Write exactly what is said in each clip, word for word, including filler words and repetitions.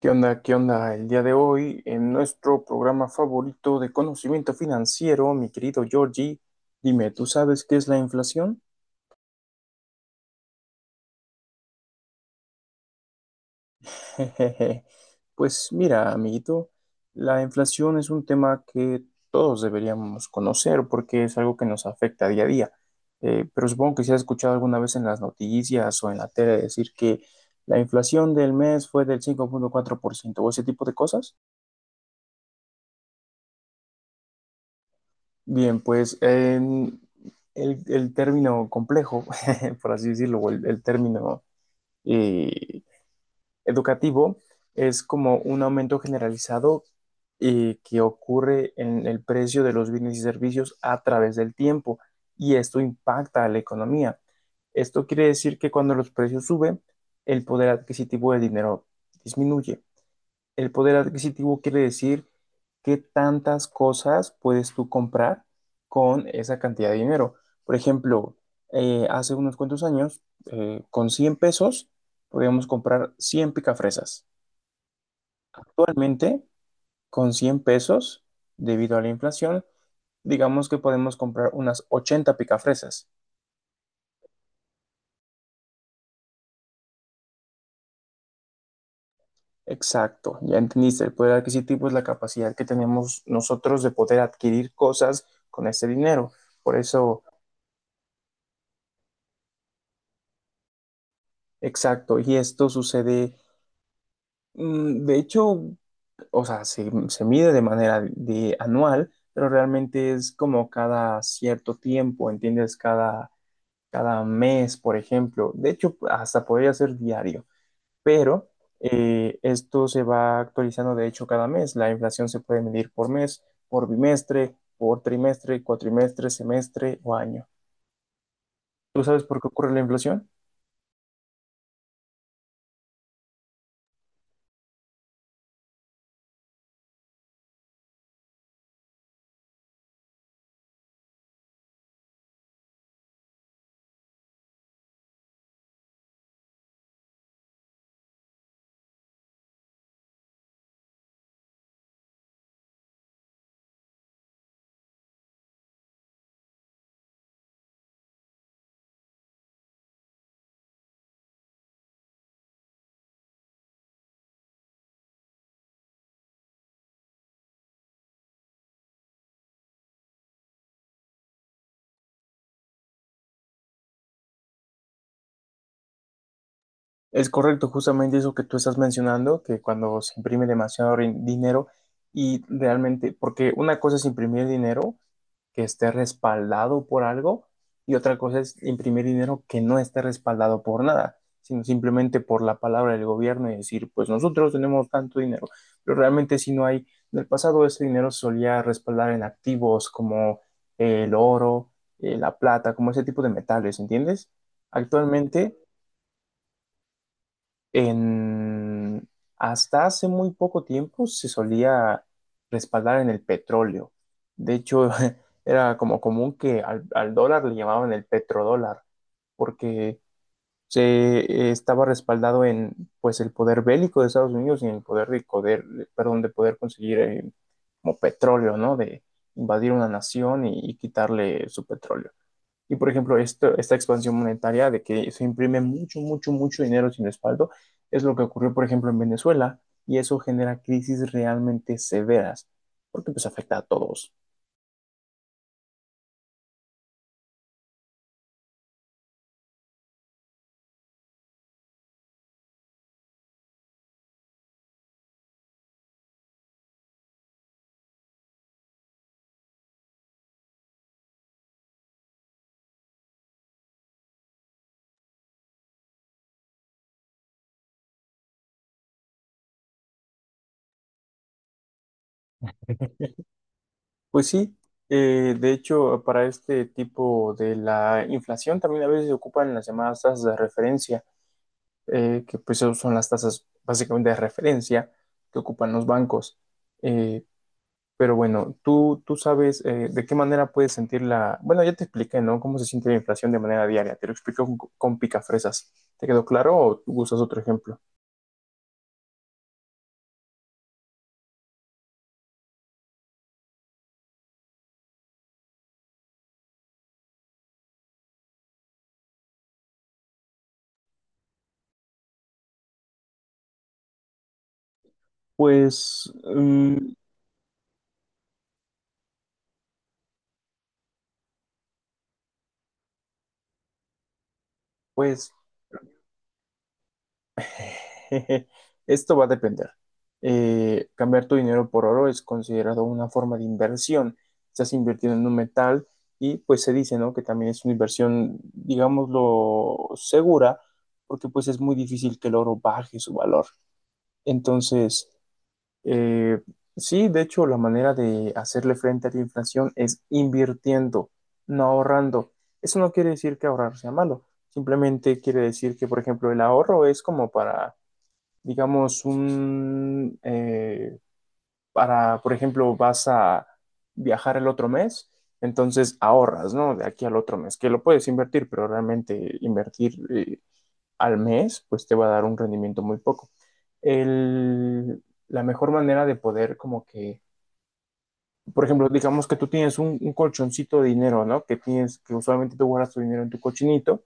¿Qué onda? ¿Qué onda? El día de hoy, en nuestro programa favorito de conocimiento financiero, mi querido Georgie, dime, ¿tú sabes qué es la inflación? Jejeje. Pues mira, amiguito, la inflación es un tema que todos deberíamos conocer porque es algo que nos afecta día a día. Eh, pero supongo que si has escuchado alguna vez en las noticias o en la tele decir que la inflación del mes fue del cinco punto cuatro por ciento o ese tipo de cosas. Bien, pues en el, el término complejo, por así decirlo, o el, el término eh, educativo, es como un aumento generalizado eh, que ocurre en el precio de los bienes y servicios a través del tiempo y esto impacta a la economía. Esto quiere decir que cuando los precios suben, el poder adquisitivo del dinero disminuye. El poder adquisitivo quiere decir qué tantas cosas puedes tú comprar con esa cantidad de dinero. Por ejemplo, eh, hace unos cuantos años, eh, con cien pesos podíamos comprar cien picafresas. Actualmente, con cien pesos, debido a la inflación, digamos que podemos comprar unas ochenta picafresas. Exacto, ya entendiste, el poder adquisitivo es la capacidad que tenemos nosotros de poder adquirir cosas con este dinero. Por eso exacto, y esto sucede, mm, de hecho, o sea, se, se mide de manera de anual, pero realmente es como cada cierto tiempo, ¿entiendes? Cada, cada mes, por ejemplo. De hecho, hasta podría ser diario, pero eh, esto se va actualizando, de hecho, cada mes. La inflación se puede medir por mes, por bimestre, por trimestre, cuatrimestre, semestre o año. ¿Tú sabes por qué ocurre la inflación? Es correcto, justamente eso que tú estás mencionando, que cuando se imprime demasiado rin- dinero y realmente, porque una cosa es imprimir dinero que esté respaldado por algo y otra cosa es imprimir dinero que no esté respaldado por nada, sino simplemente por la palabra del gobierno y decir, pues nosotros tenemos tanto dinero, pero realmente si no hay, en el pasado ese dinero se solía respaldar en activos como eh, el oro, eh, la plata, como ese tipo de metales, ¿entiendes? Actualmente en, hasta hace muy poco tiempo se solía respaldar en el petróleo. De hecho, era como común que al, al dólar le llamaban el petrodólar, porque se eh, estaba respaldado en pues el poder bélico de Estados Unidos y en el poder de poder, perdón, de poder conseguir eh, como petróleo, ¿no? De invadir una nación y y quitarle su petróleo. Y por ejemplo, esto, esta expansión monetaria de que se imprime mucho, mucho, mucho dinero sin respaldo es lo que ocurrió, por ejemplo, en Venezuela y eso genera crisis realmente severas porque pues afecta a todos. Pues sí, eh, de hecho, para este tipo de la inflación también a veces se ocupan las llamadas tasas de referencia, eh, que pues son las tasas básicamente de referencia que ocupan los bancos. Eh, Pero bueno, tú, tú sabes eh, de qué manera puedes sentir la... Bueno, ya te expliqué, ¿no? Cómo se siente la inflación de manera diaria. Te lo explico con, con picafresas. ¿Te quedó claro o tú usas otro ejemplo? Pues, mm, pues, jeje, esto va a depender. Eh, cambiar tu dinero por oro es considerado una forma de inversión. Estás invirtiendo en un metal y pues se dice, ¿no? Que también es una inversión, digámoslo, segura, porque pues es muy difícil que el oro baje su valor. Entonces... Eh, sí, de hecho, la manera de hacerle frente a la inflación es invirtiendo, no ahorrando. Eso no quiere decir que ahorrar sea malo, simplemente quiere decir que, por ejemplo, el ahorro es como para, digamos, un, eh, para, por ejemplo, vas a viajar el otro mes, entonces ahorras, ¿no? De aquí al otro mes, que lo puedes invertir, pero realmente invertir eh, al mes, pues te va a dar un rendimiento muy poco. El, la mejor manera de poder como que por ejemplo, digamos que tú tienes un, un colchoncito de dinero, ¿no? Que tienes, que usualmente tú guardas tu dinero en tu cochinito.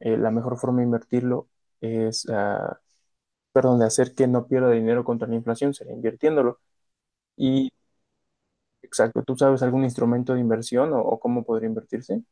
Eh, la mejor forma de invertirlo es, ah, perdón, de hacer que no pierda dinero contra la inflación, sería invirtiéndolo. Y, exacto, ¿tú sabes algún instrumento de inversión o, o cómo podría invertirse?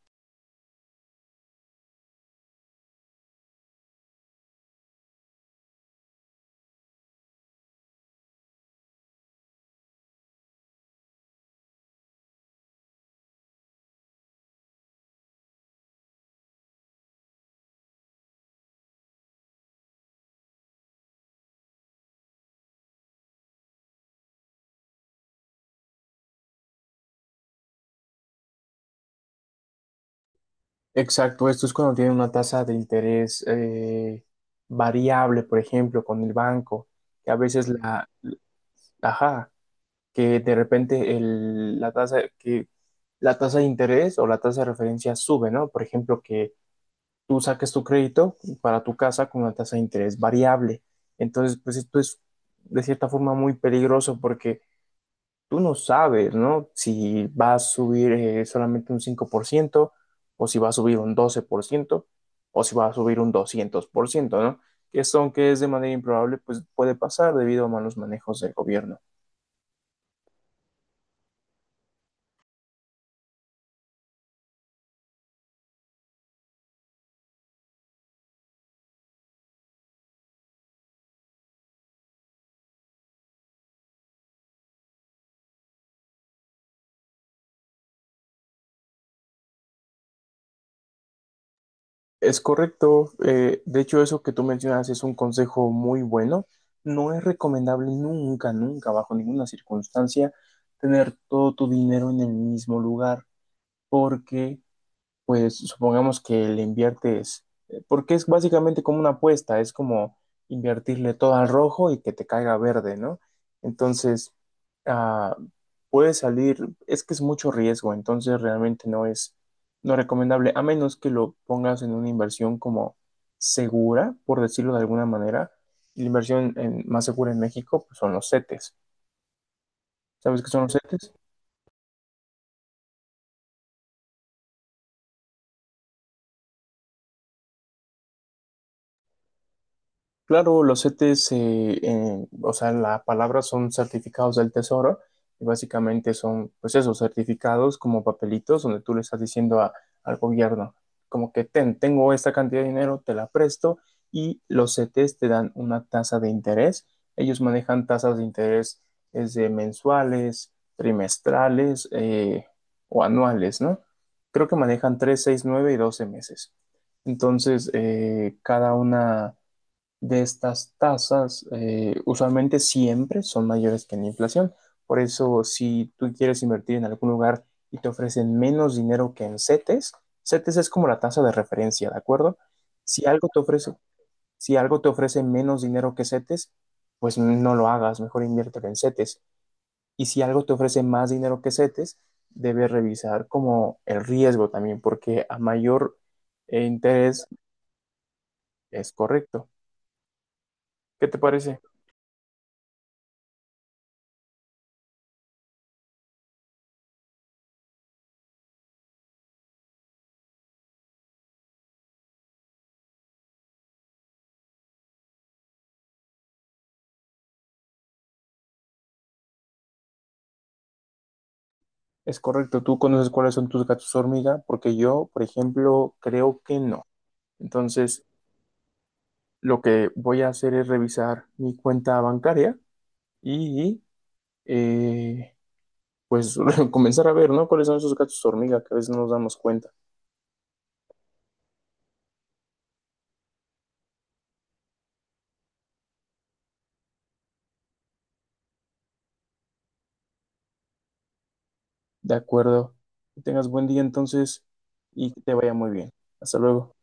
Exacto, esto es cuando tiene una tasa de interés eh, variable, por ejemplo, con el banco, que a veces la, ajá, que de repente el- la tasa, que la tasa de interés o la tasa de referencia sube, ¿no? Por ejemplo, que tú saques tu crédito para tu casa con una tasa de interés variable. Entonces, pues esto es de cierta forma muy peligroso porque tú no sabes, ¿no? Si va a subir eh, solamente un cinco por ciento, o si va a subir un doce por ciento, o si va a subir un doscientos por ciento, ¿no? Que esto, aunque es de manera improbable, pues puede pasar debido a malos manejos del gobierno. Es correcto. Eh, de hecho, eso que tú mencionas es un consejo muy bueno. No es recomendable nunca, nunca, bajo ninguna circunstancia, tener todo tu dinero en el mismo lugar, porque pues supongamos que le inviertes, eh, porque es básicamente como una apuesta, es como invertirle todo al rojo y que te caiga verde, ¿no? Entonces, ah, puede salir, es que es mucho riesgo, entonces realmente no es, no recomendable, a menos que lo pongas en una inversión como segura, por decirlo de alguna manera. Y la inversión en- más segura en México, pues, son los CETES. ¿Sabes qué son los CETES? Claro, los CETES, eh, eh, o sea, la palabra son certificados del Tesoro y básicamente son, pues esos certificados como papelitos donde tú le estás diciendo a- al gobierno, como que ten, tengo esta cantidad de dinero, te la presto y los CETES te dan una tasa de interés. Ellos manejan tasas de interés desde mensuales, trimestrales eh, o anuales, ¿no? Creo que manejan tres, seis, nueve y doce meses. Entonces, eh, cada una de estas tasas eh, usualmente siempre son mayores que la inflación. Por eso, si tú quieres invertir en algún lugar y te ofrecen menos dinero que en CETES, CETES es como la tasa de referencia, ¿de acuerdo? Si algo te ofrece, si algo te ofrece menos dinero que CETES, pues no lo hagas, mejor inviértelo en CETES. Y si algo te ofrece más dinero que CETES, debes revisar como el riesgo también, porque a mayor eh, interés es correcto. ¿Qué te parece? Es correcto, tú conoces cuáles son tus gatos hormiga, porque yo, por ejemplo, creo que no. Entonces, lo que voy a hacer es revisar mi cuenta bancaria y, eh, pues, comenzar a ver, ¿no? ¿Cuáles son esos gatos hormiga que a veces no nos damos cuenta? De acuerdo. Que tengas buen día entonces y que te vaya muy bien. Hasta luego.